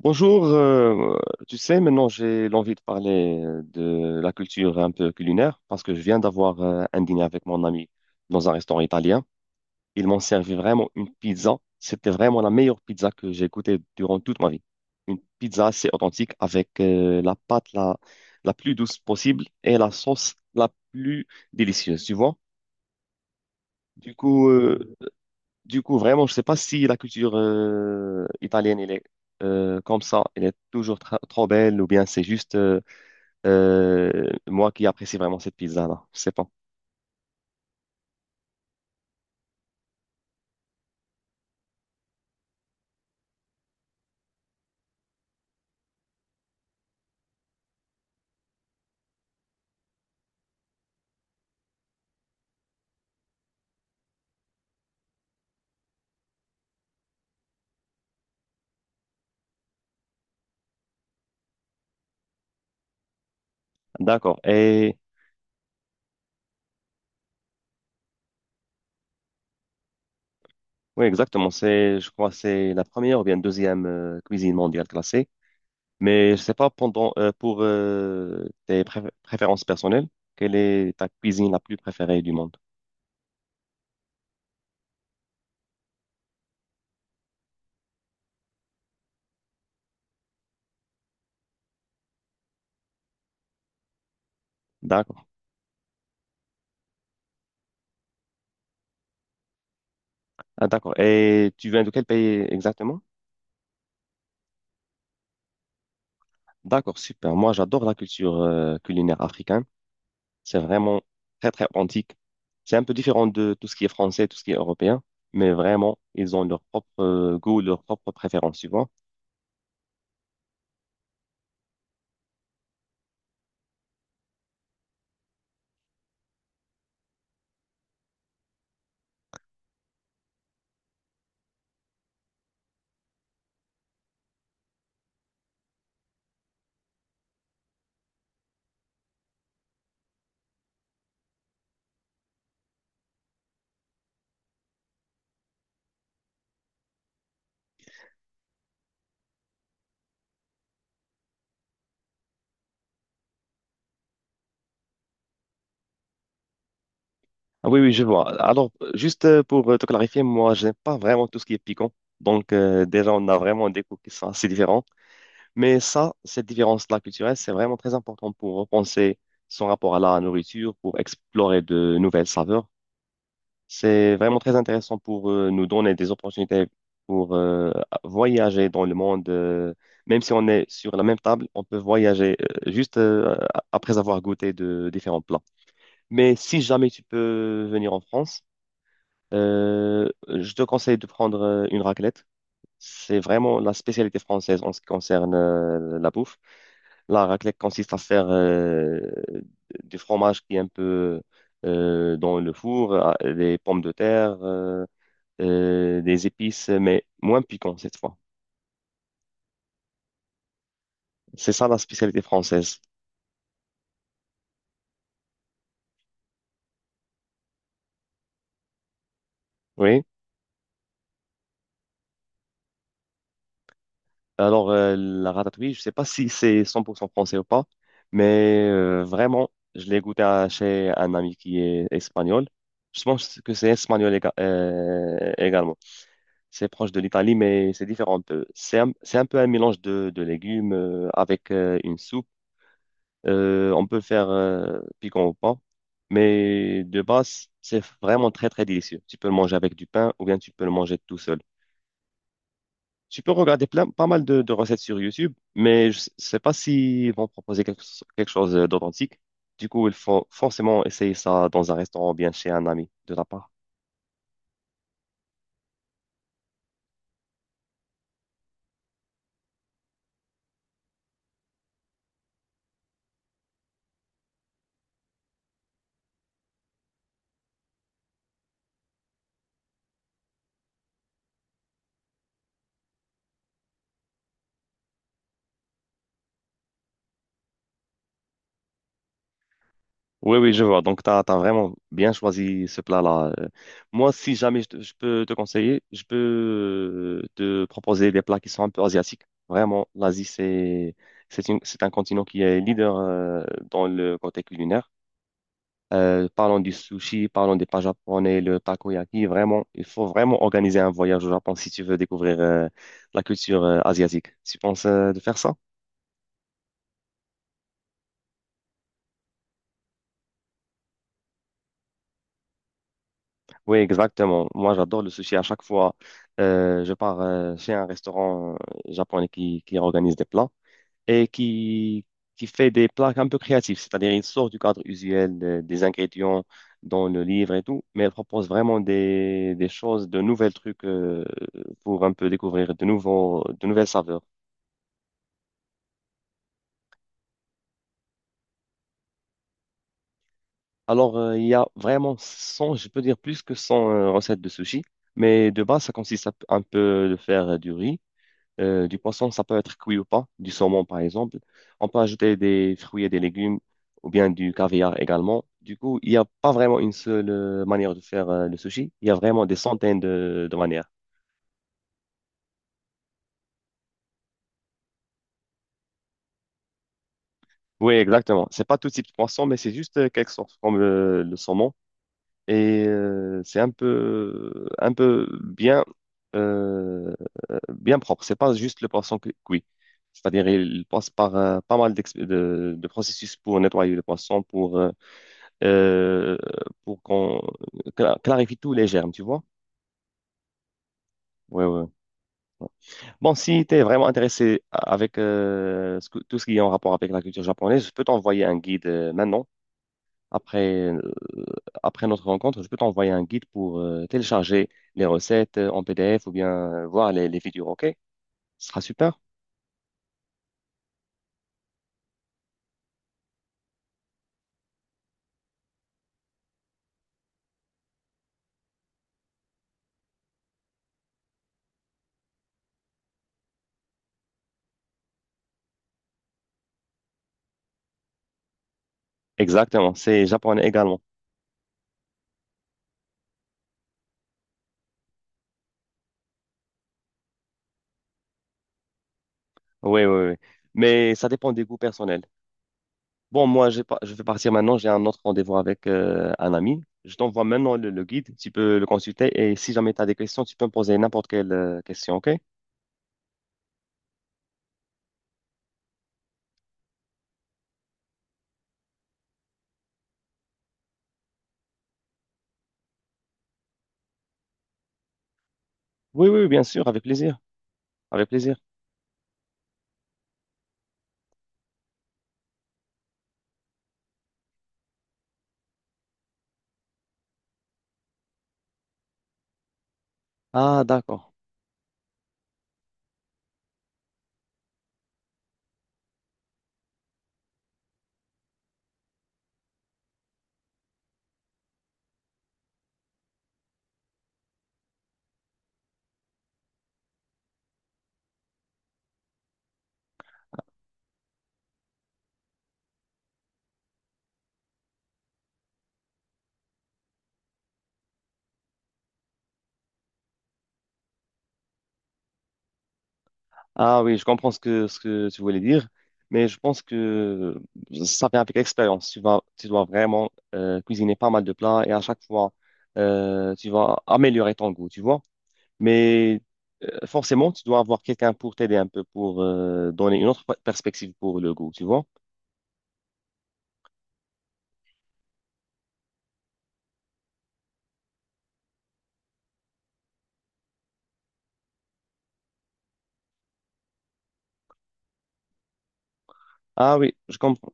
Bonjour, tu sais, maintenant j'ai l'envie de parler de la culture un peu culinaire parce que je viens d'avoir un dîner avec mon ami dans un restaurant italien. Ils m'ont servi vraiment une pizza. C'était vraiment la meilleure pizza que j'ai goûtée durant toute ma vie. Une pizza assez authentique avec la pâte la plus douce possible et la sauce la plus délicieuse, tu vois. Du coup, vraiment, je sais pas si la culture italienne, elle est comme ça, elle est toujours trop belle, ou bien c'est juste moi qui apprécie vraiment cette pizza-là. Je sais pas. D'accord. Et oui, exactement. C'est, je crois, que c'est la première ou bien deuxième cuisine mondiale classée. Mais je sais pas pendant pour tes préférences personnelles, quelle est ta cuisine la plus préférée du monde? D'accord. Ah, d'accord. Et tu viens de quel pays exactement? D'accord, super. Moi, j'adore la culture culinaire africaine. C'est vraiment très, très authentique. C'est un peu différent de tout ce qui est français, tout ce qui est européen, mais vraiment, ils ont leur propre goût, leur propre préférence, tu vois. Ah oui, oui, je vois. Alors, juste pour te clarifier, moi, j'aime pas vraiment tout ce qui est piquant. Donc, déjà, on a vraiment des goûts qui sont assez différents. Mais ça, cette différence-là culturelle, c'est vraiment très important pour repenser son rapport à la nourriture, pour explorer de nouvelles saveurs. C'est vraiment très intéressant pour nous donner des opportunités pour voyager dans le monde. Même si on est sur la même table, on peut voyager juste après avoir goûté de différents plats. Mais si jamais tu peux venir en France, je te conseille de prendre une raclette. C'est vraiment la spécialité française en ce qui concerne la bouffe. La raclette consiste à faire du fromage qui est un peu dans le four, des pommes de terre, des épices, mais moins piquant cette fois. C'est ça la spécialité française. Oui. Alors, la ratatouille, je sais pas si c'est 100% français ou pas, mais vraiment, je l'ai goûté chez un ami qui est espagnol. Je pense que c'est espagnol également. C'est proche de l'Italie, mais c'est différent un peu. C'est un peu un mélange de légumes avec une soupe. On peut faire piquant ou pas, mais de base, c'est vraiment très, très délicieux. Tu peux le manger avec du pain ou bien tu peux le manger tout seul. Tu peux regarder plein, pas mal de recettes sur YouTube, mais je ne sais pas s'ils vont proposer quelque chose d'authentique. Du coup, il faut forcément essayer ça dans un restaurant ou bien chez un ami de ta part. Oui, oui, je vois. Donc, tu as vraiment bien choisi ce plat-là. Moi, si jamais je peux te conseiller, je peux te proposer des plats qui sont un peu asiatiques. Vraiment, l'Asie, c'est un continent qui est leader dans le côté culinaire. Parlons du sushi, parlons des plats japonais, le takoyaki. Vraiment, il faut vraiment organiser un voyage au Japon si tu veux découvrir la culture asiatique. Tu penses de faire ça? Oui, exactement. Moi, j'adore le sushi. À chaque fois, je pars chez un restaurant japonais qui organise des plats et qui fait des plats un peu créatifs. C'est-à-dire, il sort du cadre usuel des ingrédients dans le livre et tout, mais il propose vraiment des choses, de nouveaux trucs pour un peu découvrir de nouveaux, de nouvelles saveurs. Alors, il y a vraiment 100, je peux dire plus que 100 recettes de sushi, mais de base, ça consiste un peu de faire du riz. Du poisson, ça peut être cuit ou pas, du saumon par exemple. On peut ajouter des fruits et des légumes ou bien du caviar également. Du coup, il n'y a pas vraiment une seule manière de faire le sushi. Il y a vraiment des centaines de manières. Oui, exactement. C'est pas tout type de poisson, mais c'est juste quelque sorte comme le saumon. Et c'est un peu bien, euh, bien propre. C'est pas juste le poisson cuit. C'est-à-dire, il passe par pas mal de processus pour nettoyer le poisson, euh, pour qu'on clarifie tous les germes, tu vois? Ouais, ouais, ouais. Bon, si tu es vraiment intéressé avec tout ce qui est en rapport avec la culture japonaise, je peux t'envoyer un guide maintenant. Après, après notre rencontre, je peux t'envoyer un guide pour télécharger les recettes en PDF ou bien voir les vidéos, ok? Ce sera super. Exactement, c'est japonais également. Oui, oui, oui. Mais ça dépend des goûts personnels. Bon, moi, j'ai pas, je vais partir maintenant. J'ai un autre rendez-vous avec un ami. Je t'envoie maintenant le guide. Tu peux le consulter. Et si jamais tu as des questions, tu peux me poser n'importe quelle question, OK? Oui, oui, bien sûr, avec plaisir. Avec plaisir. Ah, d'accord. Ah oui, je comprends ce que tu voulais dire. Mais je pense que ça vient avec l'expérience. Tu vas, tu dois vraiment cuisiner pas mal de plats et à chaque fois, tu vas améliorer ton goût, tu vois? Mais forcément, tu dois avoir quelqu'un pour t'aider un peu, pour donner une autre perspective pour le goût, tu vois? Ah oui, je comprends.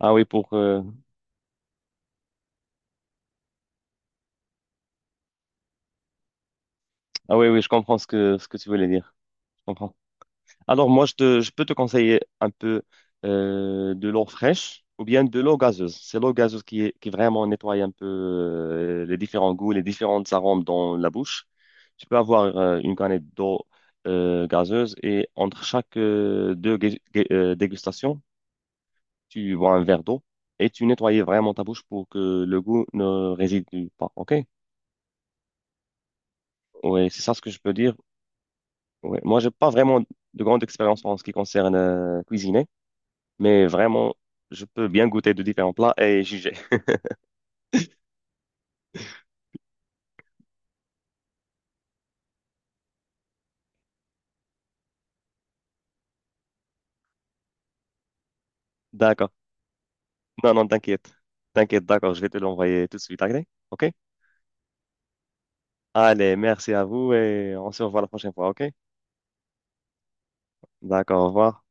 Ah oui, pour. Ah oui, oui, je comprends ce que tu voulais dire. Je comprends. Alors moi, je peux te conseiller un peu de l'eau fraîche ou bien de l'eau gazeuse. C'est l'eau gazeuse qui vraiment nettoie un peu les différents goûts, les différentes arômes dans la bouche. Tu peux avoir une canette d'eau gazeuse et entre chaque deux dégustations, tu bois un verre d'eau et tu nettoies vraiment ta bouche pour que le goût ne réside pas. OK? Oui, c'est ça ce que je peux dire. Ouais. Moi, j'ai pas vraiment de grande expérience en ce qui concerne cuisiner. Mais vraiment, je peux bien goûter de différents plats et juger. D'accord. Non, non, t'inquiète. T'inquiète, d'accord, je vais te l'envoyer tout de suite, ok? Ok? Allez, merci à vous et on se revoit la prochaine fois, ok? D'accord, au revoir.